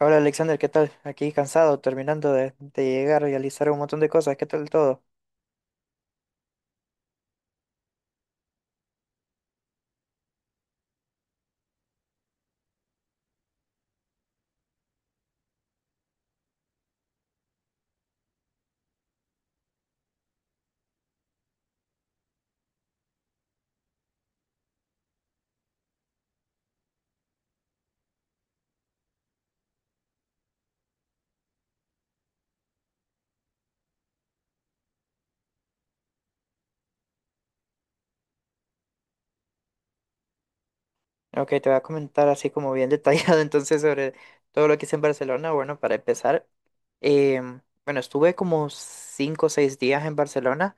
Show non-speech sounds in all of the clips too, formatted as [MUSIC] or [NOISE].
Hola Alexander, ¿qué tal? Aquí cansado, terminando de llegar a realizar un montón de cosas. ¿Qué tal todo? Ok, te voy a comentar así como bien detallado [LAUGHS] entonces sobre todo lo que hice en Barcelona. Bueno, para empezar, bueno, estuve como 5 o 6 días en Barcelona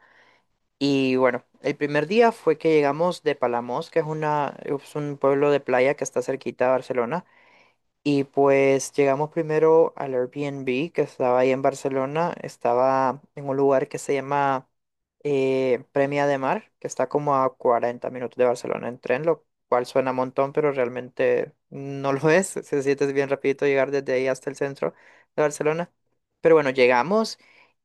y bueno, el primer día fue que llegamos de Palamós, que es una, es un pueblo de playa que está cerquita de Barcelona. Y pues llegamos primero al Airbnb que estaba ahí en Barcelona. Estaba en un lugar que se llama Premia de Mar, que está como a 40 minutos de Barcelona en tren, lo cual suena un montón, pero realmente no lo [LAUGHS] es. Se siente bien rapidito llegar desde ahí hasta el centro de Barcelona. Pero bueno, llegamos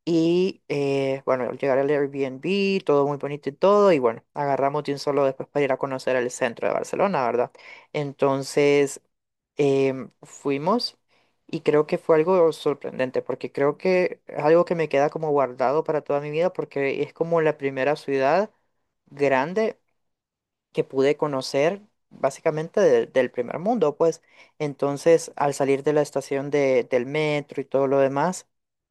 y bueno, al llegar al Airbnb, todo muy bonito y todo. Y bueno, agarramos de un solo después para ir a conocer el centro de Barcelona, ¿verdad? Entonces fuimos y creo que fue algo sorprendente porque creo que es algo que me queda como guardado para toda mi vida porque es como la primera ciudad grande que pude conocer básicamente del primer mundo, pues. Entonces, al salir de la estación del metro y todo lo demás,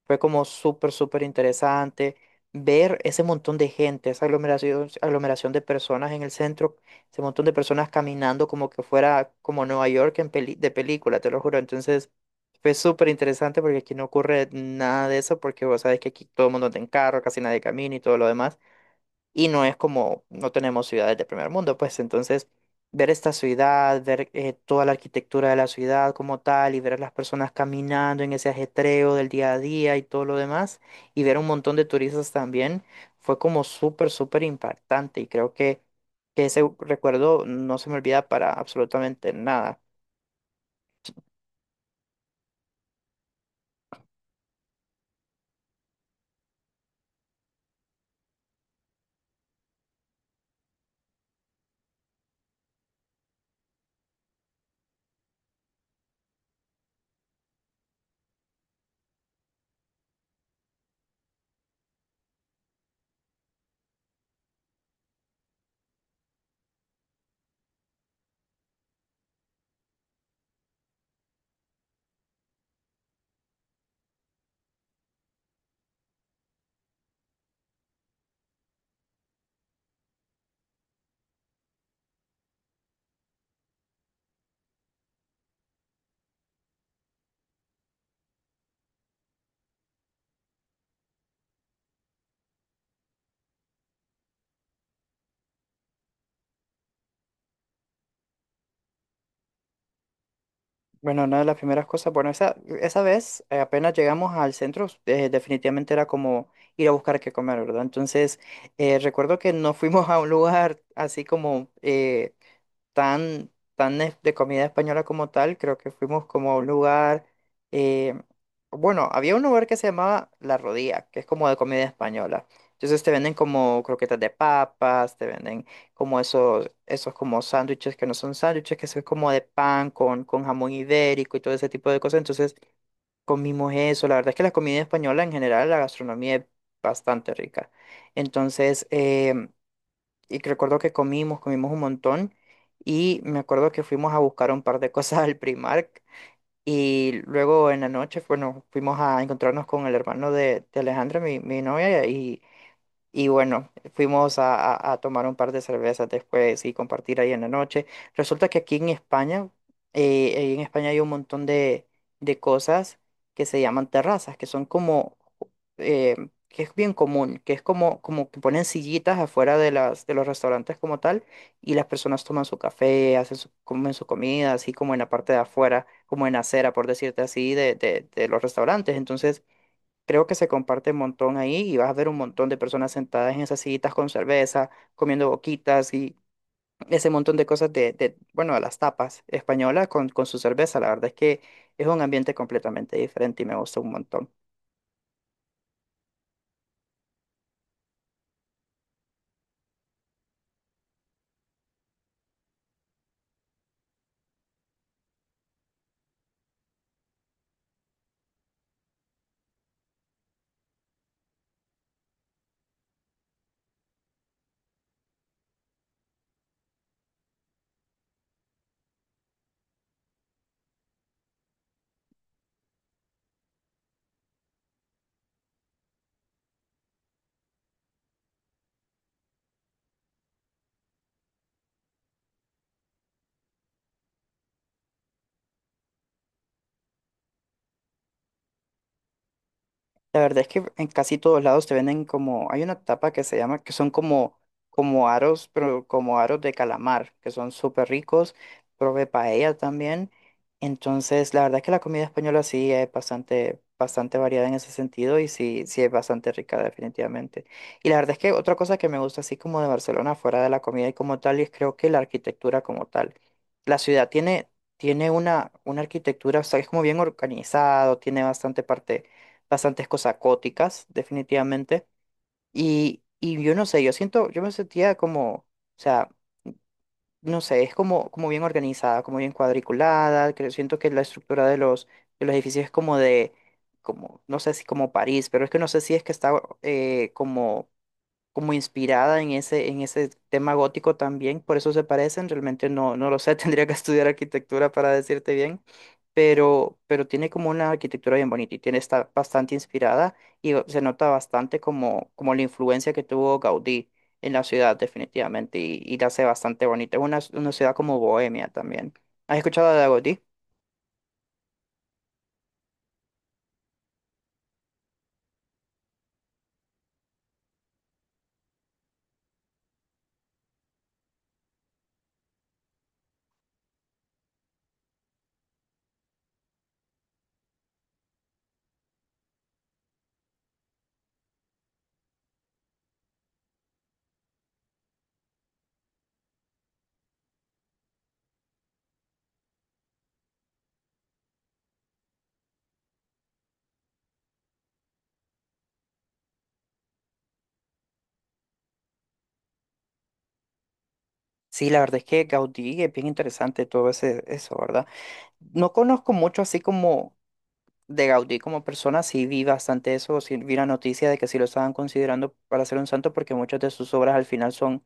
fue como súper, súper interesante ver ese montón de gente, esa aglomeración de personas en el centro, ese montón de personas caminando como que fuera como Nueva York en de película, te lo juro. Entonces, fue súper interesante porque aquí no ocurre nada de eso, porque vos sabes que aquí todo el mundo anda en carro, casi nadie camina y todo lo demás y no es como, no tenemos ciudades de primer mundo, pues entonces ver esta ciudad, ver toda la arquitectura de la ciudad como tal y ver a las personas caminando en ese ajetreo del día a día y todo lo demás y ver un montón de turistas también fue como súper, súper impactante y que ese recuerdo no se me olvida para absolutamente nada. Bueno, una de las primeras cosas, bueno, esa vez apenas llegamos al centro, definitivamente era como ir a buscar qué comer, ¿verdad? Entonces, recuerdo que no fuimos a un lugar así como, tan, de comida española como tal, creo que fuimos como a un lugar, eh, bueno, había un lugar que se llamaba La Rodilla, que es como de comida española. Entonces te venden como croquetas de papas, te venden como esos, esos como sándwiches que no son sándwiches, que son como de pan con jamón ibérico y todo ese tipo de cosas. Entonces comimos eso. La verdad es que la comida española en general, la gastronomía es bastante rica. Entonces, y que recuerdo que comimos un montón y me acuerdo que fuimos a buscar un par de [LAUGHS] cosas al Primark y luego en la noche, bueno, fuimos a encontrarnos con el hermano de Alejandra, mi novia, y bueno, fuimos a tomar un par de cervezas después y compartir ahí en la noche. Resulta que aquí en España, ahí en España hay un montón de cosas que se llaman terrazas, que son como, eh, que es bien común, que es como, como que ponen sillitas afuera de las, de los restaurantes como tal, y las personas toman su café, hacen su, comen su comida, así como en la parte de afuera, como en la acera, por decirte así, de, de los restaurantes. Entonces, creo que se comparte un montón ahí y vas a ver un montón de personas sentadas en esas sillitas con cerveza, comiendo boquitas y ese montón de cosas de, bueno, de las tapas españolas con su cerveza. La verdad es que es un ambiente completamente diferente y me gusta un montón. La verdad es que en casi todos lados te venden como, hay una tapa que se llama, que son como, como aros, pero como aros de calamar, que son súper ricos, probé paella también. Entonces, la verdad es que la comida española sí es bastante, bastante variada en ese sentido y sí, sí es bastante rica definitivamente. Y la verdad es que otra cosa que me gusta así como de Barcelona, fuera de la comida y como tal, y es creo que la arquitectura como tal. La ciudad tiene, tiene una arquitectura, o sea, es como bien organizado, tiene bastante parte bastantes cosas góticas, definitivamente. Y yo no sé, yo siento, yo me sentía como, o sea, no sé, es como, como bien organizada, como bien cuadriculada, que siento que la estructura de los edificios es como de, como, no sé si como París, pero es que no sé si es que está como, como inspirada en ese tema gótico también, por eso se parecen, realmente no, no lo sé, [LAUGHS] tendría que estudiar arquitectura para decirte bien pero tiene como una arquitectura bien bonita y tiene, está bastante inspirada y se nota bastante como, como la influencia que tuvo Gaudí en la ciudad definitivamente y la hace bastante bonita. Es una ciudad como Bohemia también. ¿Has escuchado de Gaudí? Sí, la verdad es que Gaudí es bien interesante todo ese, eso, ¿verdad? No conozco mucho así como de Gaudí como persona, sí vi bastante eso, sí vi la noticia de que sí lo estaban considerando para ser un santo porque muchas de sus obras al final son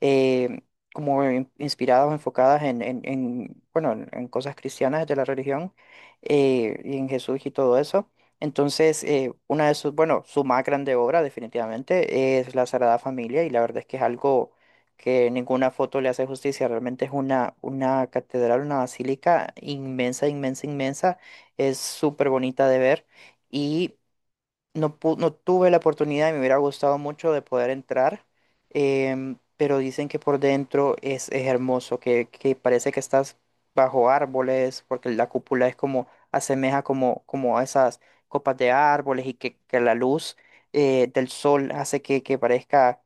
eh, como inspiradas o enfocadas en, en, bueno, en cosas cristianas de la religión, y en Jesús y todo eso. Entonces, una de sus, bueno, su más grande obra definitivamente es La Sagrada Familia y la verdad es que es algo que ninguna foto le hace justicia, realmente es una catedral, una basílica inmensa, inmensa, inmensa, es súper bonita de ver no, no tuve la oportunidad y me hubiera gustado mucho de poder entrar, pero dicen que por dentro es hermoso, que parece que estás bajo árboles, porque la cúpula es como, asemeja como, como a esas copas de árboles y que la luz del sol hace que parezca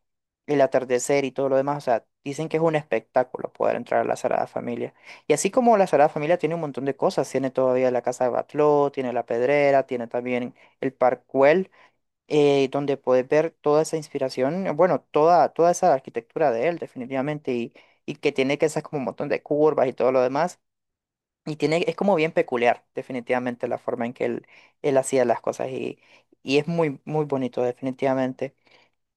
el atardecer y todo lo demás. O sea, dicen que es un espectáculo poder entrar a la Sagrada Familia. Y así como la Sagrada Familia tiene un montón de cosas, tiene todavía la Casa de Batlló, tiene la Pedrera, tiene también el Parkwell, donde puedes ver toda esa inspiración, bueno, toda, toda esa arquitectura de él, definitivamente, y que tiene que esas como un montón de curvas y todo lo demás. Y tiene, es como bien peculiar, definitivamente, la forma en que él hacía las cosas. Y es muy, muy bonito, definitivamente.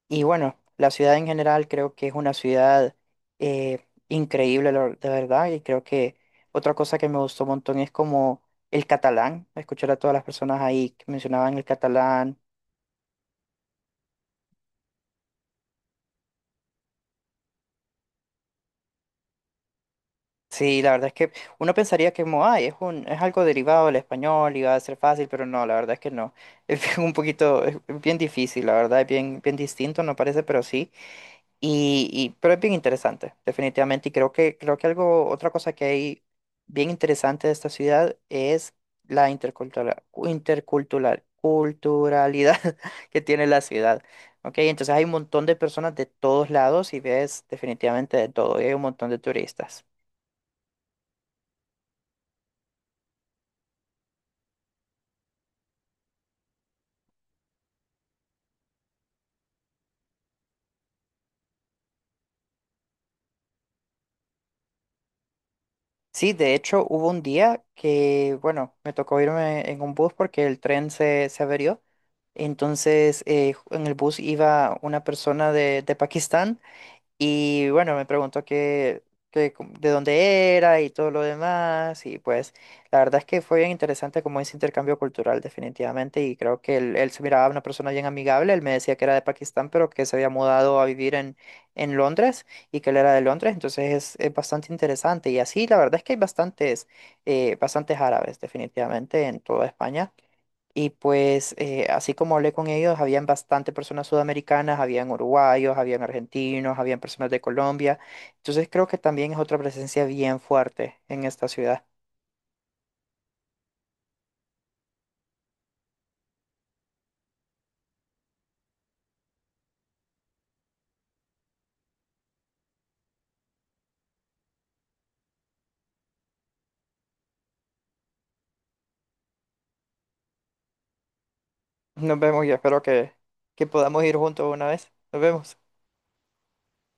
Y bueno, la ciudad en general creo que es una ciudad increíble, de verdad. Y creo que otra cosa que me gustó un montón es como el catalán. Escuchar a todas las personas ahí que mencionaban el catalán. Sí, la verdad es que uno pensaría que como, ay, es un, es algo derivado del español y va a ser fácil, pero no, la verdad es que no. [LAUGHS] Es bien un poquito, es bien difícil, la verdad, es bien, bien distinto, no parece, pero sí. Y, pero es bien interesante, definitivamente. Y creo que algo, otra cosa que hay bien interesante de esta ciudad es la culturalidad [LAUGHS] que tiene la ciudad. Ok, entonces hay un montón de personas de todos lados y ves definitivamente de todo, y hay un montón de turistas. Sí, de hecho hubo un día que, bueno, me tocó irme en un bus porque el tren se averió. Entonces, en el bus iba una persona de Pakistán. Y bueno, me preguntó que de dónde era y todo lo demás. Y pues la verdad es que fue bien interesante como ese intercambio cultural definitivamente. Y creo que él se miraba una persona bien amigable. Él me decía que era de Pakistán, pero que se había mudado a vivir en Londres y que él era de Londres. Entonces es bastante interesante. Y así la verdad es que hay bastantes, bastantes árabes definitivamente en toda España. Y pues así como hablé con ellos, habían bastante personas sudamericanas, habían uruguayos, habían argentinos, habían personas de Colombia. Entonces creo que también es otra presencia bien fuerte en esta ciudad. [LAUGHS] Nos vemos y espero que podamos ir juntos una vez. Nos vemos.